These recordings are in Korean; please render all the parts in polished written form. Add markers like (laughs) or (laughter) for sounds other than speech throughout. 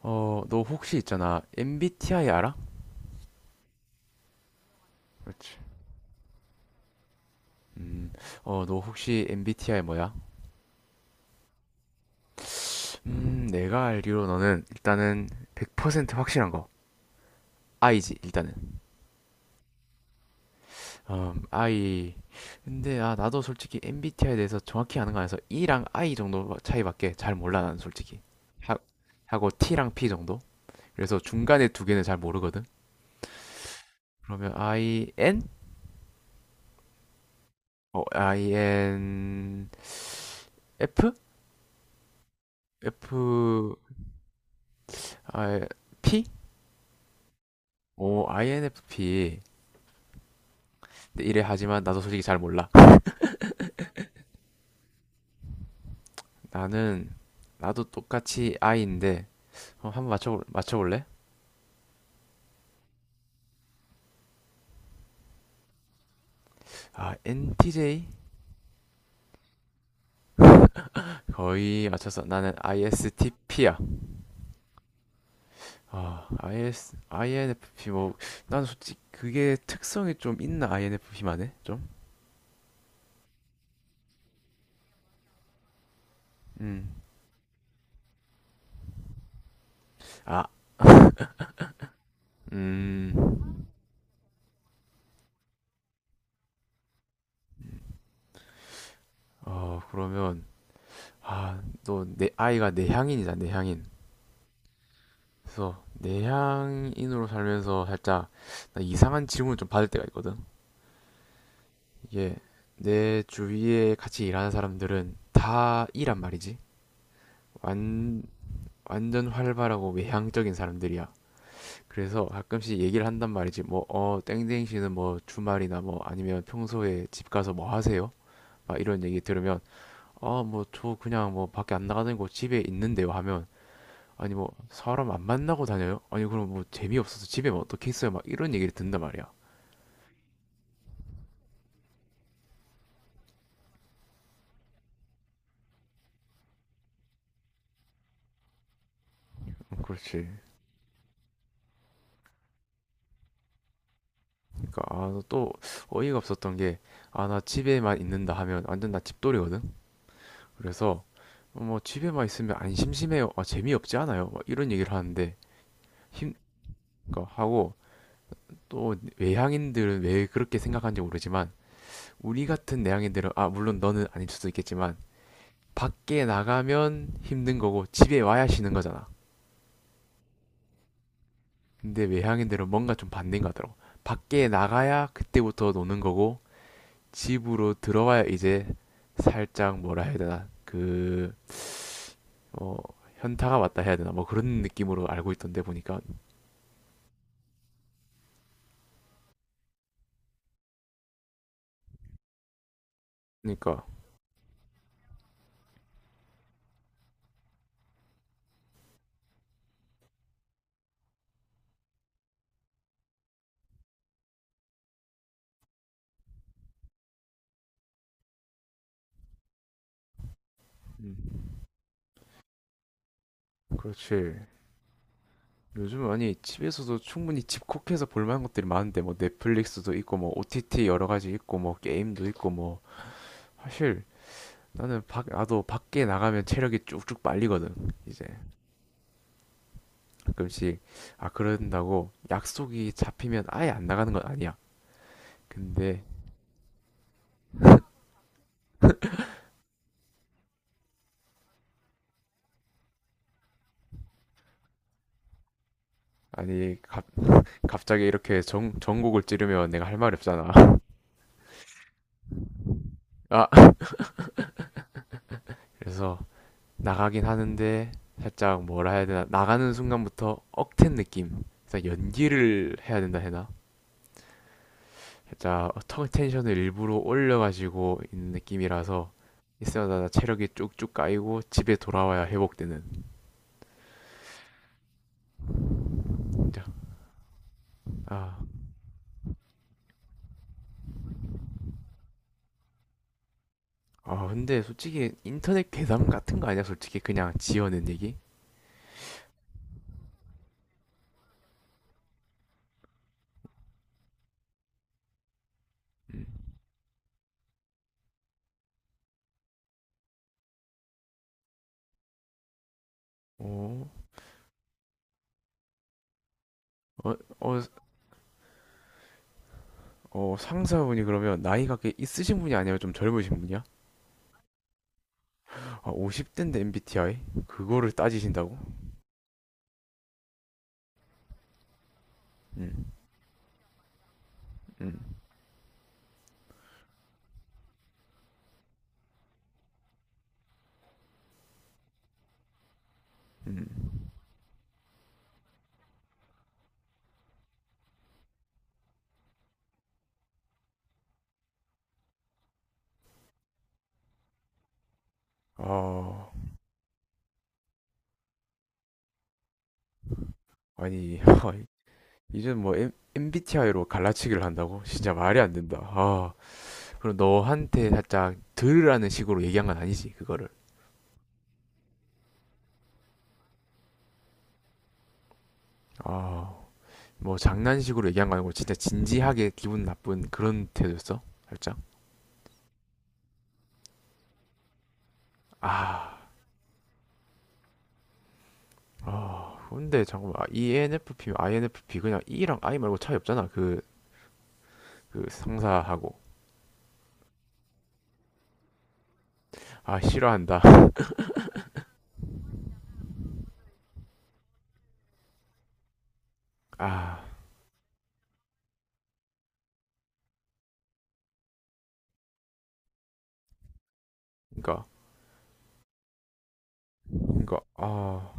너 혹시 있잖아. MBTI 알아? 그렇지. 음, 너 혹시 MBTI 뭐야? 내가 알기로 너는 일단은 100% 확실한 거. I지, 일단은. I. 근데 나도 솔직히 MBTI에 대해서 정확히 아는 거 아니라서 E랑 I 정도 차이밖에 잘 몰라, 나는 솔직히. 하, 하고 T랑 P 정도? 그래서 중간에 두 개는 잘 모르거든. 그러면 IN? INF? F? 아, P? INFP. 근데 이래 하지만 나도 솔직히 잘 몰라. 나는 나도 똑같이 I인데 한번 맞춰볼래? NTJ? 거의 맞췄어. 나는 ISTP야. INFP 뭐 나는 솔직히 그게 특성이 좀 있나 INFP만에 좀? 음. 아, 음. 그러면 너 내 아이가 내향인이잖아, 내향인. 그래서 내향인으로 살면서 살짝 나 이상한 질문을 좀 받을 때가 있거든. 이게 내 주위에 같이 일하는 사람들은 다 이란 말이지. 완 완전 활발하고 외향적인 사람들이야. 그래서 가끔씩 얘기를 한단 말이지. 땡땡 씨는 뭐 주말이나 뭐 아니면 평소에 집 가서 뭐 하세요? 막 이런 얘기 들으면, 뭐 저 그냥 뭐 밖에 안 나가는 거 집에 있는데요 하면, 아니 뭐 사람 안 만나고 다녀요? 아니 그럼 뭐 재미없어서 집에 뭐 어떻게 있어요? 막 이런 얘기를 듣는단 말이야. 그렇지. 그러니까 또 어이가 없었던 게 나 집에만 있는다 하면 완전 나 집돌이거든. 그래서 뭐 집에만 있으면 안 심심해요. 재미없지 않아요. 막 이런 얘기를 하는데 힘 그러니까 하고 또 외향인들은 왜 그렇게 생각하는지 모르지만 우리 같은 내향인들은 물론 너는 아닐 수도 있겠지만 밖에 나가면 힘든 거고 집에 와야 쉬는 거잖아. 근데 외향인들은 뭔가 좀 반대인 거 같더라고. 밖에 나가야 그때부터 노는 거고 집으로 들어와야 이제 살짝 뭐라 해야 되나 어, 현타가 왔다 해야 되나 뭐 그런 느낌으로 알고 있던데 보니까 그러니까 음, 그렇지. 요즘 아니 집에서도 충분히 집콕해서 볼만한 것들이 많은데 뭐 넷플릭스도 있고 뭐 OTT 여러 가지 있고 뭐 게임도 있고 뭐 사실 나는 밖 나도 밖에 나가면 체력이 쭉쭉 빨리거든. 이제 가끔씩, 아 그런다고 약속이 잡히면 아예 안 나가는 건 아니야. 근데 아니 가, 갑자기 이렇게 전곡을 찌르면 내가 할 말이 없잖아. (laughs) 아, 그래서 나가긴 하는데 살짝 뭐라 해야 되나, 나가는 순간부터 억텐 느낌. 그래서 연기를 해야 된다 해나? 살짝 턱 텐션을 일부러 올려가지고 있는 느낌이라서 있어야 체력이 쭉쭉 까이고 집에 돌아와야 회복되는. 진짜. 아, 아 근데 솔직히 인터넷 괴담 같은 거 아니야? 솔직히 그냥 지어낸 얘기? 음. 어, 어, 어, 상사분이 그러면 나이가 꽤 있으신 분이 아니라 좀 젊으신 분이야? 아, 50대인데 MBTI? 그거를 따지신다고? 음, 음, 음. 아, 아니, (laughs) 이젠 뭐 MBTI로 갈라치기를 한다고? 진짜 말이 안 된다. 그럼 너한테 살짝 들으라는 식으로 얘기한 건 아니지, 그거를. 아, 뭐 장난식으로 얘기한 거 아니고 진짜 진지하게 기분 나쁜 그런 태도였어? 살짝? 아, 근데 잠깐만. 아, ENFP, INFP 그냥 E랑 I 말고 차이 없잖아. 그 상사하고. 싫어한다. 아, 그니까, 그니까, 아,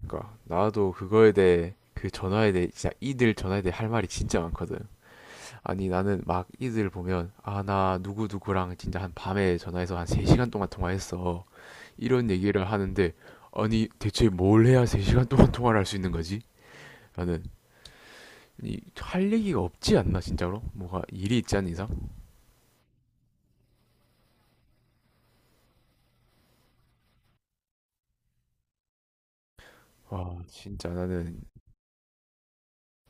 그니까 나도 그거에 대해 그 전화에 대해 진짜 이들 전화에 대해 할 말이 진짜 많거든. 아니 나는 막 이들 보면 나 누구 누구랑 진짜 한 밤에 전화해서 한 3시간 동안 통화했어. 이런 얘기를 하는데 아니 대체 뭘 해야 3시간 동안 통화를 할 수 있는 거지? 라는 할 얘기가 없지 않나 진짜로? 뭐가 일이 있지 않은 이상? 와 진짜 나는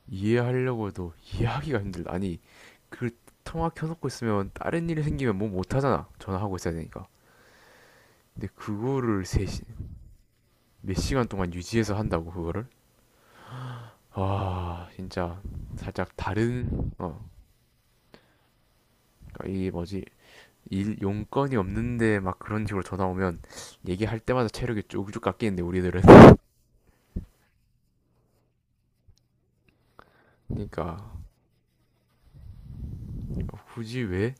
이해하려고도 이해하기가 힘들다. 아니 그 통화 켜놓고 있으면 다른 일이 생기면 뭐 못하잖아. 전화하고 있어야 되니까. 근데 그거를 몇 시간 동안 유지해서 한다고 그거를? 와 진짜 살짝 그러니까 이 뭐지, 일 용건이 없는데 막 그런 식으로 전화 오면 얘기할 때마다 체력이 쭉쭉 깎이는데 우리들은 (laughs) 그러니까 뭐 굳이 왜?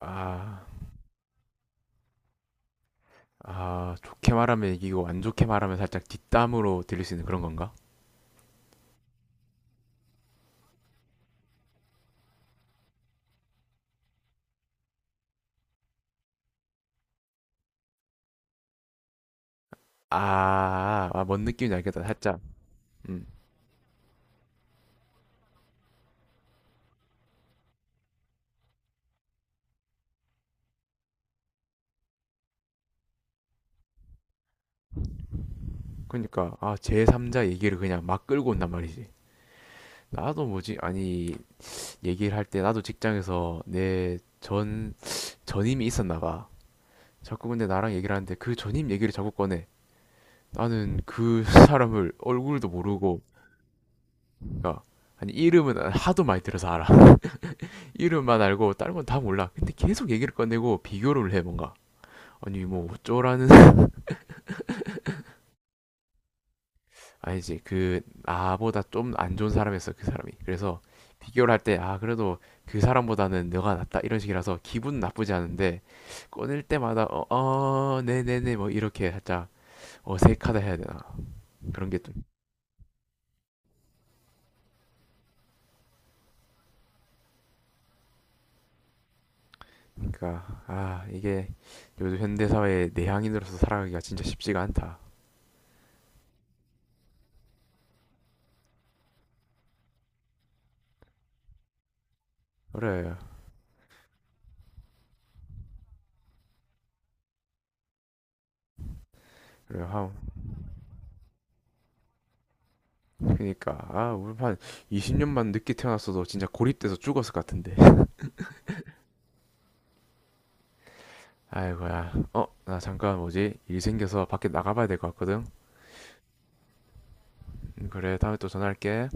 아 좋게 말하면 이기고 안 좋게 말하면 살짝 뒷담으로 들릴 수 있는 그런 건가? 뭔 느낌인지 알겠다. 살짝. 음. 그러니까 제3자 얘기를 그냥 막 끌고 온단 말이지. 나도 뭐지? 아니, 얘기를 할 때 나도 직장에서 내 전 전임이 있었나 봐. 자꾸 근데 나랑 얘기를 하는데 그 전임 얘기를 자꾸 꺼내. 나는 그 (laughs) 사람을 얼굴도 모르고 그러니까 아니 이름은 하도 많이 들어서 알아. (laughs) 이름만 알고 다른 건 다 몰라. 근데 계속 얘기를 꺼내고 비교를 해 뭔가. 아니 뭐 어쩌라는. (laughs) 아니지, 그 나보다 좀 안 좋은 사람이었어 그 사람이. 그래서 비교를 할 때 아 그래도 그 사람보다는 너가 낫다 이런 식이라서 기분 나쁘지 않은데 꺼낼 때마다 네네네 뭐 이렇게 살짝 어색하다 해야 되나 그런 게 좀. 그러니까 아 이게 요즘 현대사회의 내향인으로서 살아가기가 진짜 쉽지가 않다. 그래 그래 하 그러니까 아 우리 한 20년만 늦게 태어났어도 진짜 고립돼서 죽었을 것 같은데. 아이고야. 나 잠깐 뭐지? 일 생겨서 밖에 나가봐야 될 것 같거든. 그래, 다음에 또 전화할게.